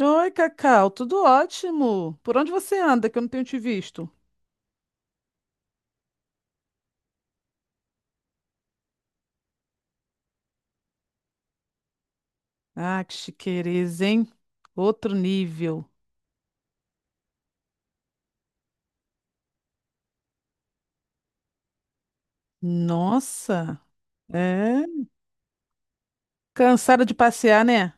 Oi, Cacau, tudo ótimo. Por onde você anda que eu não tenho te visto? Ah, que chiqueza, hein? Outro nível. Nossa, é. Cansada de passear, né?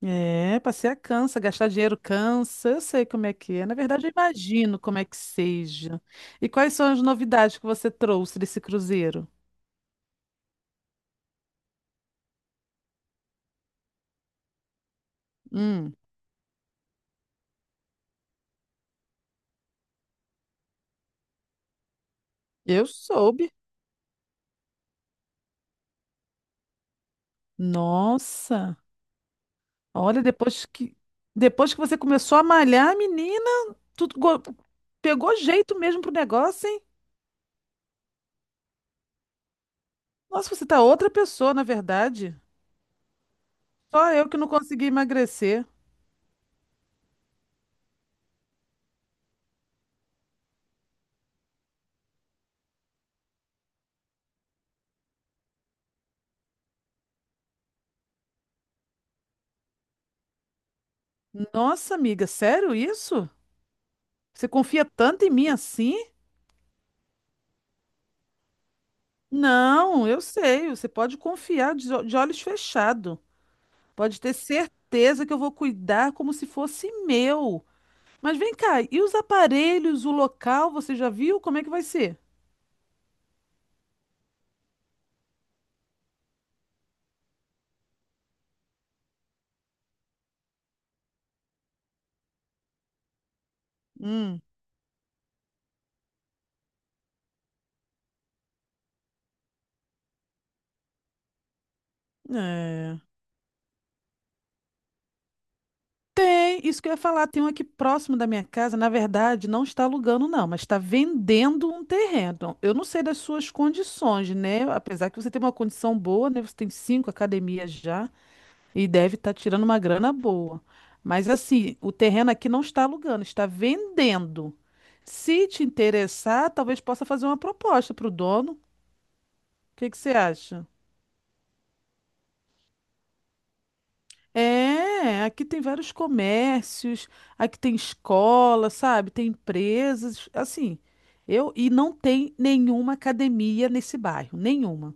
É, passear cansa, gastar dinheiro cansa. Eu sei como é que é. Na verdade, eu imagino como é que seja. E quais são as novidades que você trouxe desse cruzeiro? Hum, eu soube. Nossa, olha, depois que você começou a malhar, menina. Tu go- Pegou jeito mesmo pro negócio, hein? Nossa, você tá outra pessoa, na verdade. Só eu que não consegui emagrecer. Nossa, amiga, sério isso? Você confia tanto em mim assim? Não, eu sei. Você pode confiar de, de olhos fechados. Pode ter certeza que eu vou cuidar como se fosse meu. Mas vem cá, e os aparelhos, o local, você já viu? Como é que vai ser? Hum, é. Tem, isso que eu ia falar, tem um aqui próximo da minha casa, na verdade, não está alugando não, mas está vendendo um terreno. Eu não sei das suas condições, né? Apesar que você tem uma condição boa, né? Você tem cinco academias já e deve estar tirando uma grana boa. Mas assim, o terreno aqui não está alugando, está vendendo. Se te interessar, talvez possa fazer uma proposta para o dono. O que que você acha? É, aqui tem vários comércios, aqui tem escola, sabe? Tem empresas, assim. Eu e não tem nenhuma academia nesse bairro, nenhuma.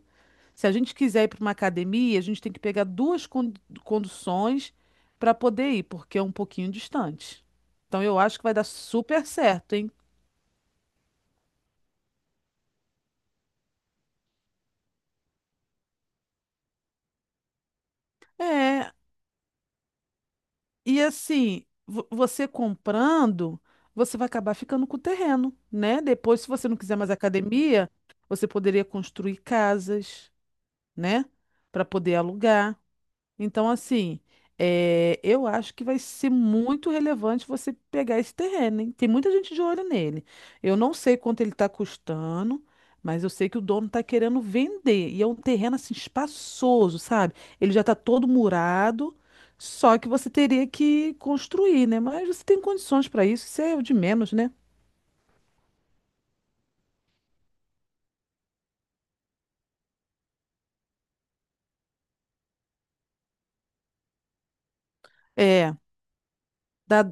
Se a gente quiser ir para uma academia, a gente tem que pegar duas conduções para poder ir, porque é um pouquinho distante. Então eu acho que vai dar super certo, hein? É, e assim, você comprando, você vai acabar ficando com o terreno, né? Depois, se você não quiser mais academia, você poderia construir casas, né? Para poder alugar. Então, assim, eu acho que vai ser muito relevante você pegar esse terreno, hein? Tem muita gente de olho nele. Eu não sei quanto ele está custando, mas eu sei que o dono está querendo vender. E é um terreno, assim, espaçoso, sabe? Ele já está todo murado, só que você teria que construir, né? Mas você tem condições para isso, isso é o de menos, né? É, dá.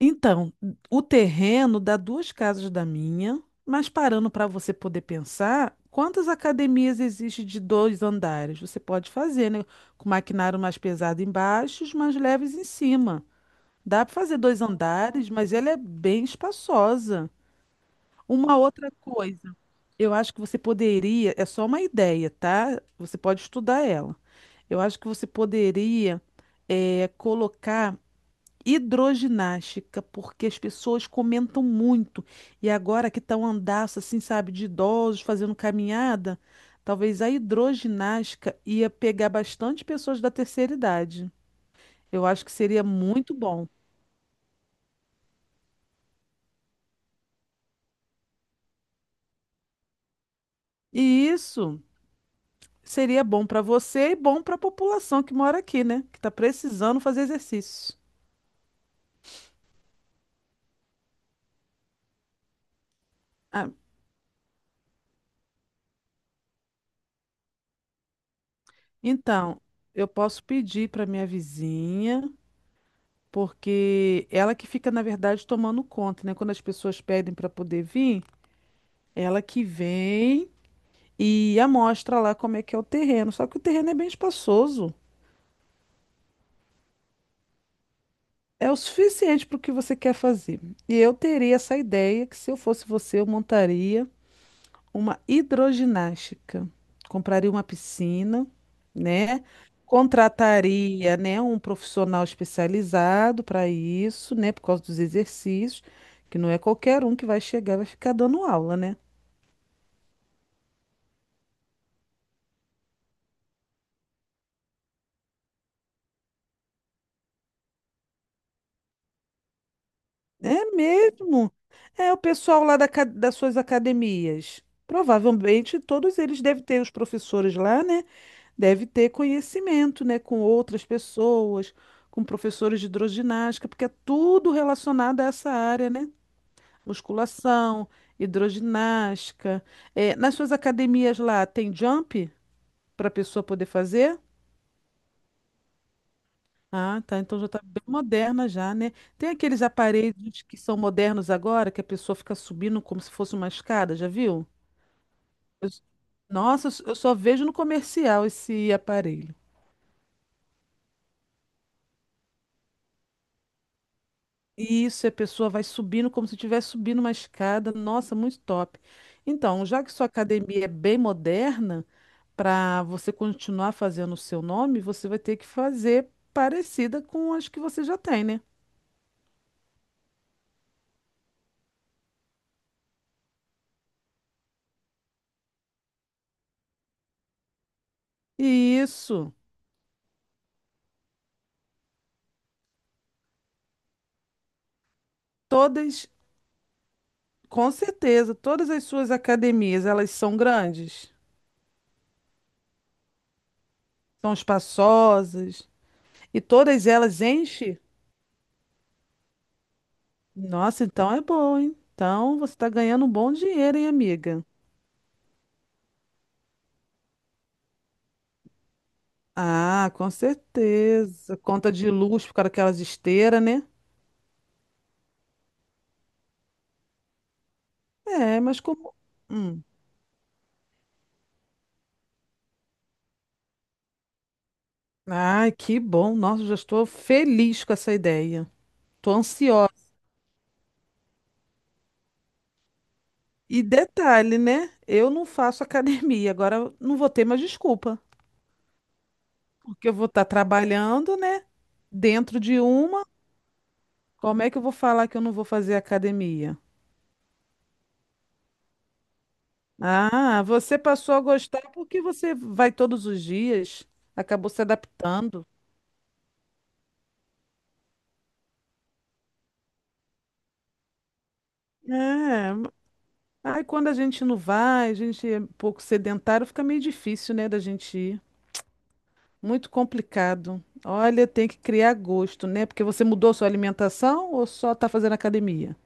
Então, o terreno dá duas casas da minha, mas parando para você poder pensar, quantas academias existe de dois andares? Você pode fazer, né? Com maquinário mais pesado embaixo, os mais leves em cima. Dá para fazer dois andares, mas ela é bem espaçosa. Uma outra coisa, eu acho que você poderia, é só uma ideia, tá? Você pode estudar ela. Eu acho que você poderia colocar hidroginástica, porque as pessoas comentam muito. E agora que tá um andaço, assim, sabe, de idosos fazendo caminhada, talvez a hidroginástica ia pegar bastante pessoas da terceira idade. Eu acho que seria muito bom. E isso seria bom para você e bom para a população que mora aqui, né? Que está precisando fazer exercício. Ah, então, eu posso pedir para minha vizinha, porque ela que fica, na verdade, tomando conta, né? Quando as pessoas pedem para poder vir, ela que vem e amostra lá como é que é o terreno. Só que o terreno é bem espaçoso. É o suficiente para o que você quer fazer. E eu teria essa ideia que, se eu fosse você, eu montaria uma hidroginástica. Compraria uma piscina, né? Contrataria, né, um profissional especializado para isso, né, por causa dos exercícios, que não é qualquer um que vai chegar e vai ficar dando aula, né? É mesmo? É o pessoal lá das suas academias. Provavelmente todos eles devem ter, os professores lá, né? Deve ter conhecimento, né? Com outras pessoas, com professores de hidroginástica, porque é tudo relacionado a essa área, né? Musculação, hidroginástica. É, nas suas academias lá, tem jump para a pessoa poder fazer? Ah, tá. Então já está bem moderna já, né? Tem aqueles aparelhos que são modernos agora, que a pessoa fica subindo como se fosse uma escada, já viu? Eu- nossa, eu só vejo no comercial esse aparelho. E isso, a pessoa vai subindo como se estivesse subindo uma escada. Nossa, muito top. Então, já que sua academia é bem moderna, para você continuar fazendo o seu nome, você vai ter que fazer parecida com as que você já tem, né? Isso. Todas, com certeza, todas as suas academias, elas são grandes, são espaçosas e todas elas enchem. Nossa, então é bom, hein? Então você está ganhando um bom dinheiro, hein, amiga? Ah, com certeza. Conta de luz por aquelas daquelas esteiras, né? É, mas como. Hum. Ai, que bom. Nossa, já estou feliz com essa ideia. Estou ansiosa. E detalhe, né? Eu não faço academia, agora eu não vou ter mais desculpa. Porque eu vou estar trabalhando, né? Dentro de uma, como é que eu vou falar que eu não vou fazer academia? Ah, você passou a gostar porque você vai todos os dias, acabou se adaptando. É, aí quando a gente não vai, a gente é um pouco sedentário, fica meio difícil, né, da gente ir. Muito complicado. Olha, tem que criar gosto, né? Porque você mudou sua alimentação ou só tá fazendo academia?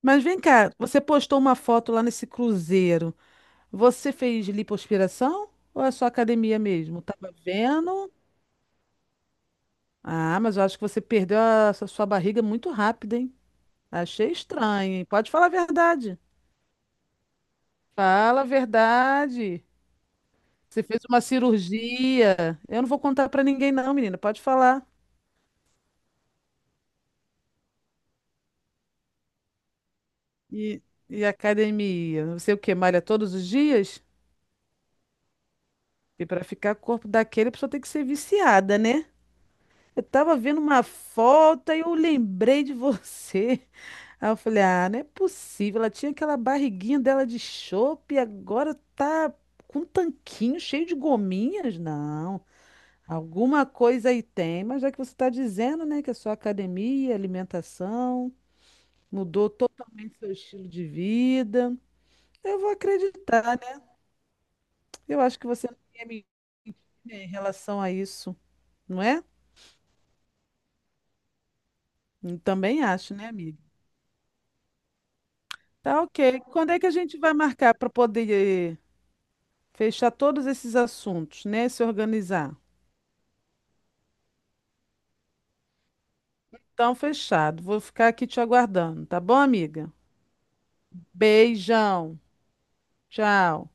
Mas vem cá, você postou uma foto lá nesse cruzeiro. Você fez lipoaspiração ou é só academia mesmo? Tava vendo? Ah, mas eu acho que você perdeu a sua barriga muito rápido, hein? Achei estranho, hein? Pode falar a verdade. Fala a verdade. Você fez uma cirurgia. Eu não vou contar pra ninguém, não, menina. Pode falar. E, e academia? Não sei o que, malha todos os dias? E pra ficar com o corpo daquele, a pessoa tem que ser viciada, né? Eu tava vendo uma foto e eu lembrei de você. Aí eu falei, ah, não é possível. Ela tinha aquela barriguinha dela de chope e agora tá com um tanquinho cheio de gominhas? Não. Alguma coisa aí tem, mas já que você está dizendo, né, que a sua academia, alimentação, mudou totalmente seu estilo de vida, eu vou acreditar, né? Eu acho que você não ia me mentir, né, em relação a isso, não é? Eu também acho, né, amiga? Tá, ok. Quando é que a gente vai marcar para poder fechar todos esses assuntos, né? Se organizar. Então, fechado. Vou ficar aqui te aguardando, tá bom, amiga? Beijão. Tchau.